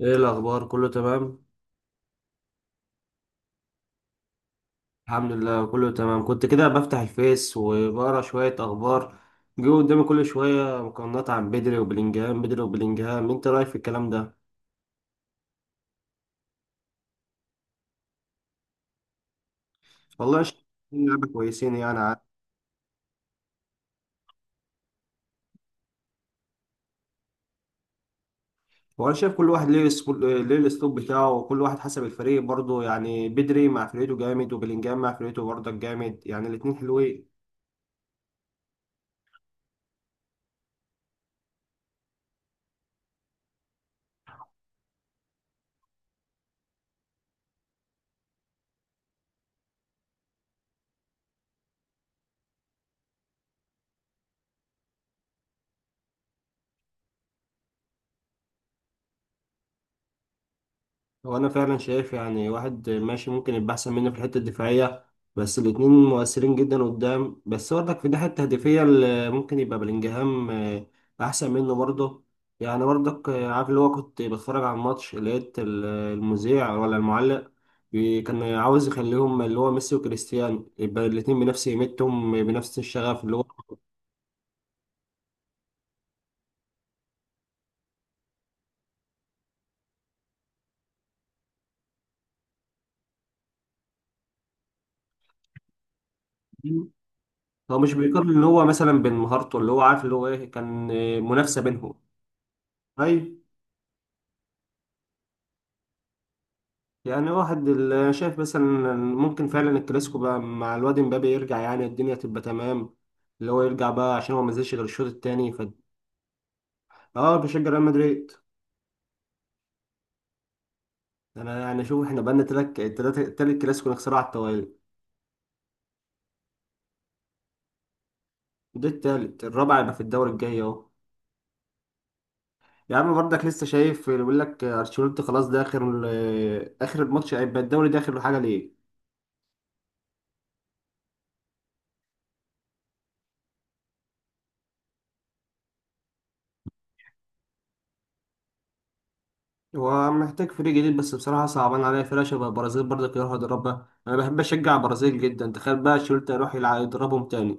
ايه الاخبار؟ كله تمام؟ الحمد لله، كله تمام. كنت كده بفتح الفيس وبقرا شويه اخبار، جه قدامي كل شويه مقارنات عن بدري وبلينجهام. بدري وبلينجهام، انت رايك في الكلام ده؟ والله شايف إن لعيبه كويسين يعني عاد. وانا شايف كل واحد ليه الاسلوب بتاعه، وكل واحد حسب الفريق برضه. يعني بدري مع فرقته جامد، وبلينجهام مع فرقته برضه جامد، يعني الاتنين حلوين. هو انا فعلا شايف يعني واحد ماشي ممكن يبقى احسن مني في الحته الدفاعيه، بس الاتنين مؤثرين جدا قدام. بس برضك في الناحيه التهديفيه اللي ممكن يبقى بلينجهام احسن منه برضه. يعني برضك عارف، اللي هو كنت بتفرج على الماتش، لقيت المذيع ولا المعلق كان عاوز يخليهم، اللي هو ميسي وكريستيانو، يبقى الاتنين بنفس قيمتهم، بنفس الشغف. اللي هو هو مش بيقارن، اللي هو مثلا بين مهارته، اللي هو عارف اللي هو ايه، كان منافسه بينهم. أيوة. يعني واحد شايف مثلا ممكن فعلا الكلاسيكو بقى مع الواد امبابي يرجع، يعني الدنيا تبقى تمام. اللي هو يرجع بقى، عشان هو ما نزلش غير الشوط التاني، ف اه بشجع ريال مدريد. انا يعني شوف، احنا بقالنا تلات تالت كلاسيكو نخسرها على التوالي. ده التالت الرابع، يبقى في الدوري الجاي اهو. يا عم برضك لسه شايف اللي بيقول لك ارشيلوتي خلاص ده اخر اخر الماتش، هيبقى الدوري ده اخر حاجه ليه. هو محتاج فريق جديد، بس بصراحة صعبان عليا فرقة شبه البرازيل برضك يروح يدربها. أنا بحب أشجع البرازيل جدا، تخيل بقى شولت يروح يلعب يدربهم تاني.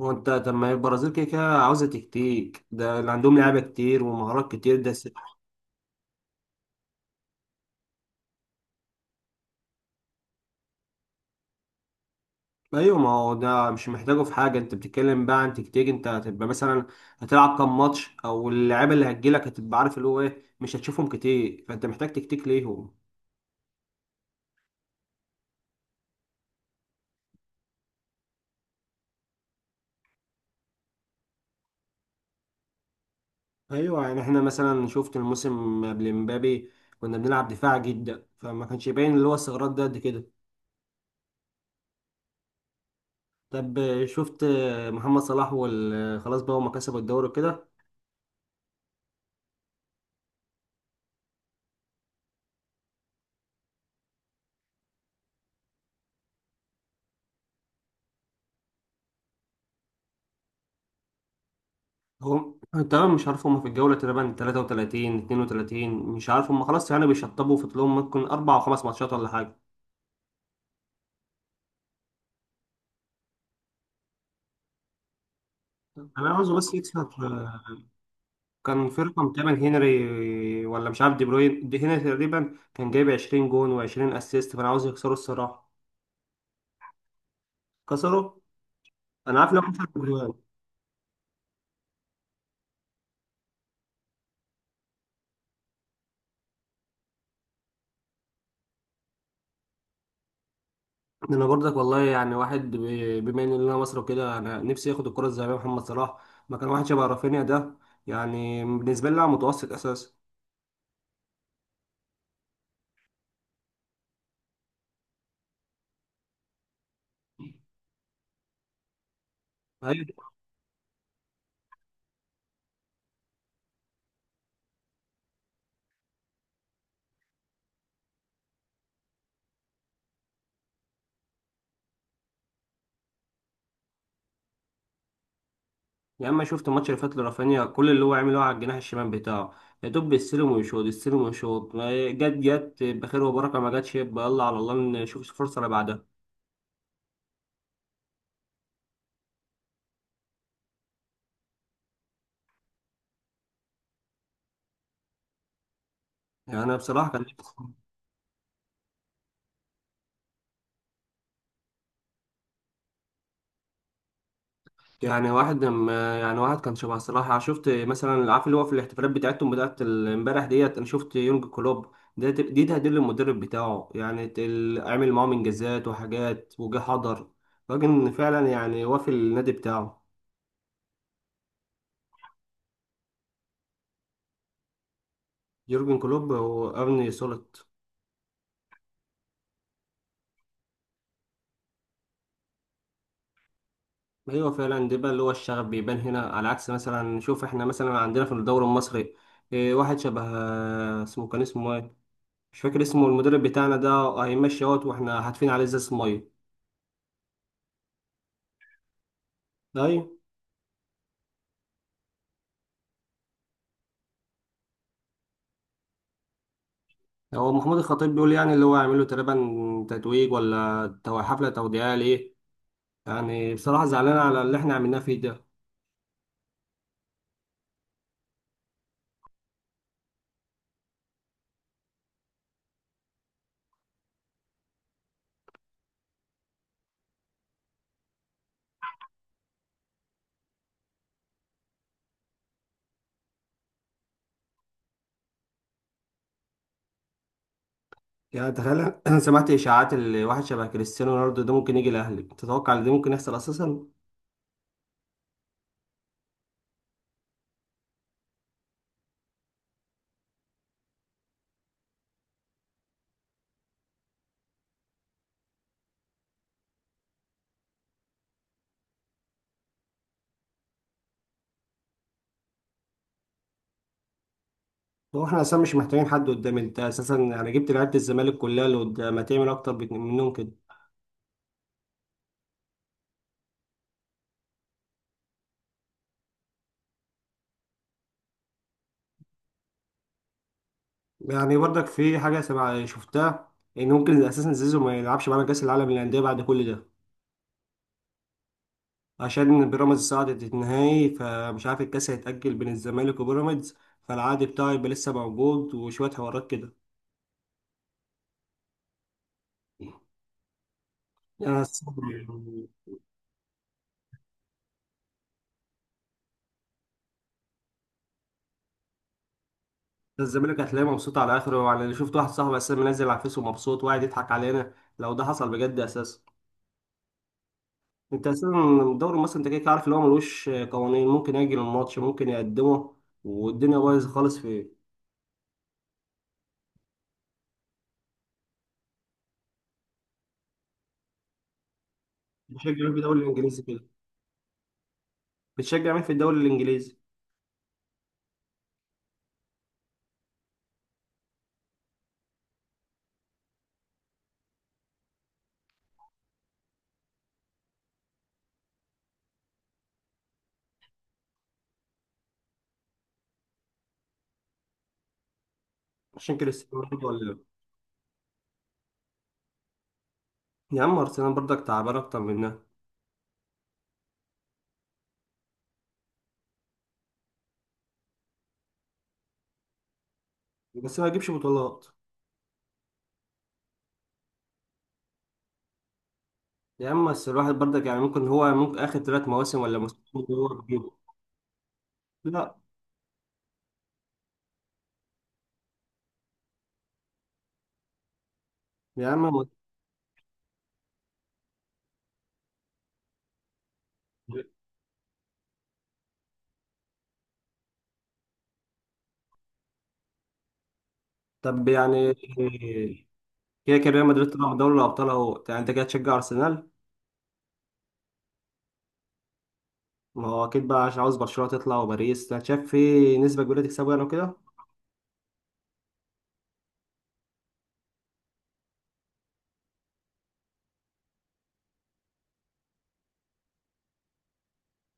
هو أنت، طب ما هي البرازيل كده كده عاوزة تكتيك، ده اللي عندهم لعيبة كتير ومهارات كتير، ده س... أيوة، ما هو ده مش محتاجه في حاجة. أنت بتتكلم بقى عن تكتيك، أنت هتبقى مثلا هتلعب كام ماتش، أو اللعيبة اللي هتجيلك هتبقى عارف اللي هو إيه، مش هتشوفهم كتير، فأنت محتاج تكتيك ليهم. ايوه، يعني احنا مثلا شفت الموسم قبل مبابي كنا بنلعب دفاع جدا، فما كانش باين اللي هو استغراب ده قد كده. طب شفت محمد صلاح خلاص بقى، هما كسبوا الدوري كده. هم تمام، مش عارف هما في الجولة تقريبا 33 32، مش عارف هما خلاص، يعني بيشطبوا في طولهم ممكن أربع أو خمس ماتشات ولا حاجة. أنا عاوزه بس يكسب، كان في رقم تامن هنري ولا مش عارف، دي بروين، دي هنري تقريبا كان جايب 20 جون و20 اسيست، فأنا عاوز يكسروا الصراحة. كسروا، انا عارف لو كسر. انا برضك والله، يعني واحد بما ان انا مصر وكده، انا نفسي اخد الكره الذهبيه محمد صلاح، مكان واحد شبه رافينيا ده. يعني بالنسبه لي لاعب متوسط اساسا. ايوه، يا اما شفت الماتش اللي فات لرافينيا كل اللي هو عمله على الجناح الشمال بتاعه، يا دوب بيستلم ويشوط، يستلم ويشوط. ما جت، جت بخير وبركه، ما جاتش يبقى يلا على الله نشوف الفرصه اللي بعدها. يعني انا بصراحه كان، يعني واحد لما، يعني واحد كان شبه صلاح. أنا شفت مثلا، عارف اللي هو في الاحتفالات بتاعتهم بتاعت امبارح ديت، انا شفت يورج كلوب ده دي تهديد للمدرب بتاعه، يعني عمل معاهم انجازات وحاجات وجه حضر. راجل فعلا يعني، وافي النادي بتاعه. يورجن كلوب وارني سلوت. ايوه فعلا، ده بقى اللي هو الشغف بيبان هنا، على عكس مثلا شوف احنا مثلا عندنا في الدوري المصري واحد شبه، اسمه كان اسمه ايه، مش فاكر اسمه المدرب بتاعنا ده، هيمشي اهوت واحنا هاتفين عليه ازاز ميه. ايوه، هو محمود الخطيب بيقول يعني اللي هو يعمل له تقريبا تتويج ولا حفلة توديعية ليه. يعني بصراحة زعلان على اللي احنا عملناه فيه ده. يعني تخيل انا سمعت اشاعات اللي واحد شبه كريستيانو رونالدو ده ممكن يجي الاهلي، تتوقع ان ده ممكن يحصل اساسا؟ هو احنا اساسا مش محتاجين حد قدام، انت اساسا يعني جبت لعيبة الزمالك كلها اللي قدام، ما تعمل اكتر منهم كده. يعني برضك في حاجة سمع شفتها، ان ممكن اساسا زيزو ما يلعبش معانا كاس العالم للانديه بعد كل ده. عشان بيراميدز صعدت النهائي، فمش عارف الكاس هيتأجل بين الزمالك وبيراميدز، فالعقد بتاعه يبقى لسه موجود، وشوية حوارات كده. يعني انا الصراحة يعني، ده الزمالك هتلاقيه مبسوط على اخره. وعلى اللي شفت، واحد صاحبي اساسا منزل على الفيس ومبسوط وقاعد يضحك علينا. لو ده حصل بجد اساسا، انت اساسا الدوري المصري انت كده كده عارف اللي هو ملوش قوانين، ممكن يأجل الماتش ممكن يقدمه، والدنيا بايظه خالص في. بتشجع مين في الدوري الانجليزي كده؟ بتشجع مين في الدوري الانجليزي؟ عشان كريستيانو رونالدو ولا لا؟ يا عم ارسنال برضك تعبان اكتر منها. بس ما يجيبش بطولات. يا عم بس الواحد برضك يعني، ممكن هو ممكن اخر ثلاث مواسم ولا موسمين اللي هو بيجيبه. لا يا عم طب يعني كده كده ريال مدريد طلع من دوري الابطال اهو، يعني انت كده تشجع ارسنال. ما هو اكيد بقى عشان عاوز برشلونه تطلع، وباريس انت شايف في نسبه كبيره تكسبه يعني وكده.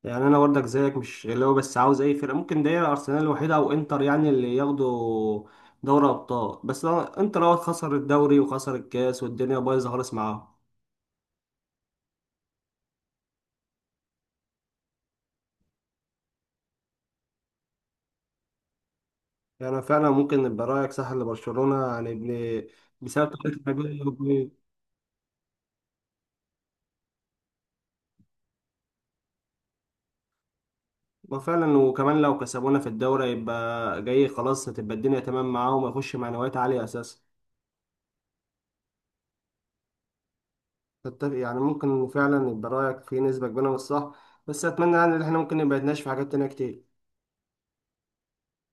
يعني انا برضك زيك مش اللي هو بس عاوز اي فرقه ممكن، ده ارسنال الوحيده او انتر يعني اللي ياخدوا دوري ابطال. بس انتر لو خسر الدوري وخسر الكاس، والدنيا بايظه خالص معاهم. يعني فعلا ممكن يبقى رايك صح لبرشلونه يعني ابن، بسبب طريقه لعبهم. وفعلا وكمان لو كسبونا في الدوري يبقى جاي خلاص، هتبقى الدنيا تمام معاهم ويخش معنويات عاليه اساسا. تتفق؟ يعني ممكن فعلا يبقى رايك في نسبه كبيره من الصح. بس اتمنى يعني ان احنا ممكن نبقى نتناقش في حاجات تانيه كتير.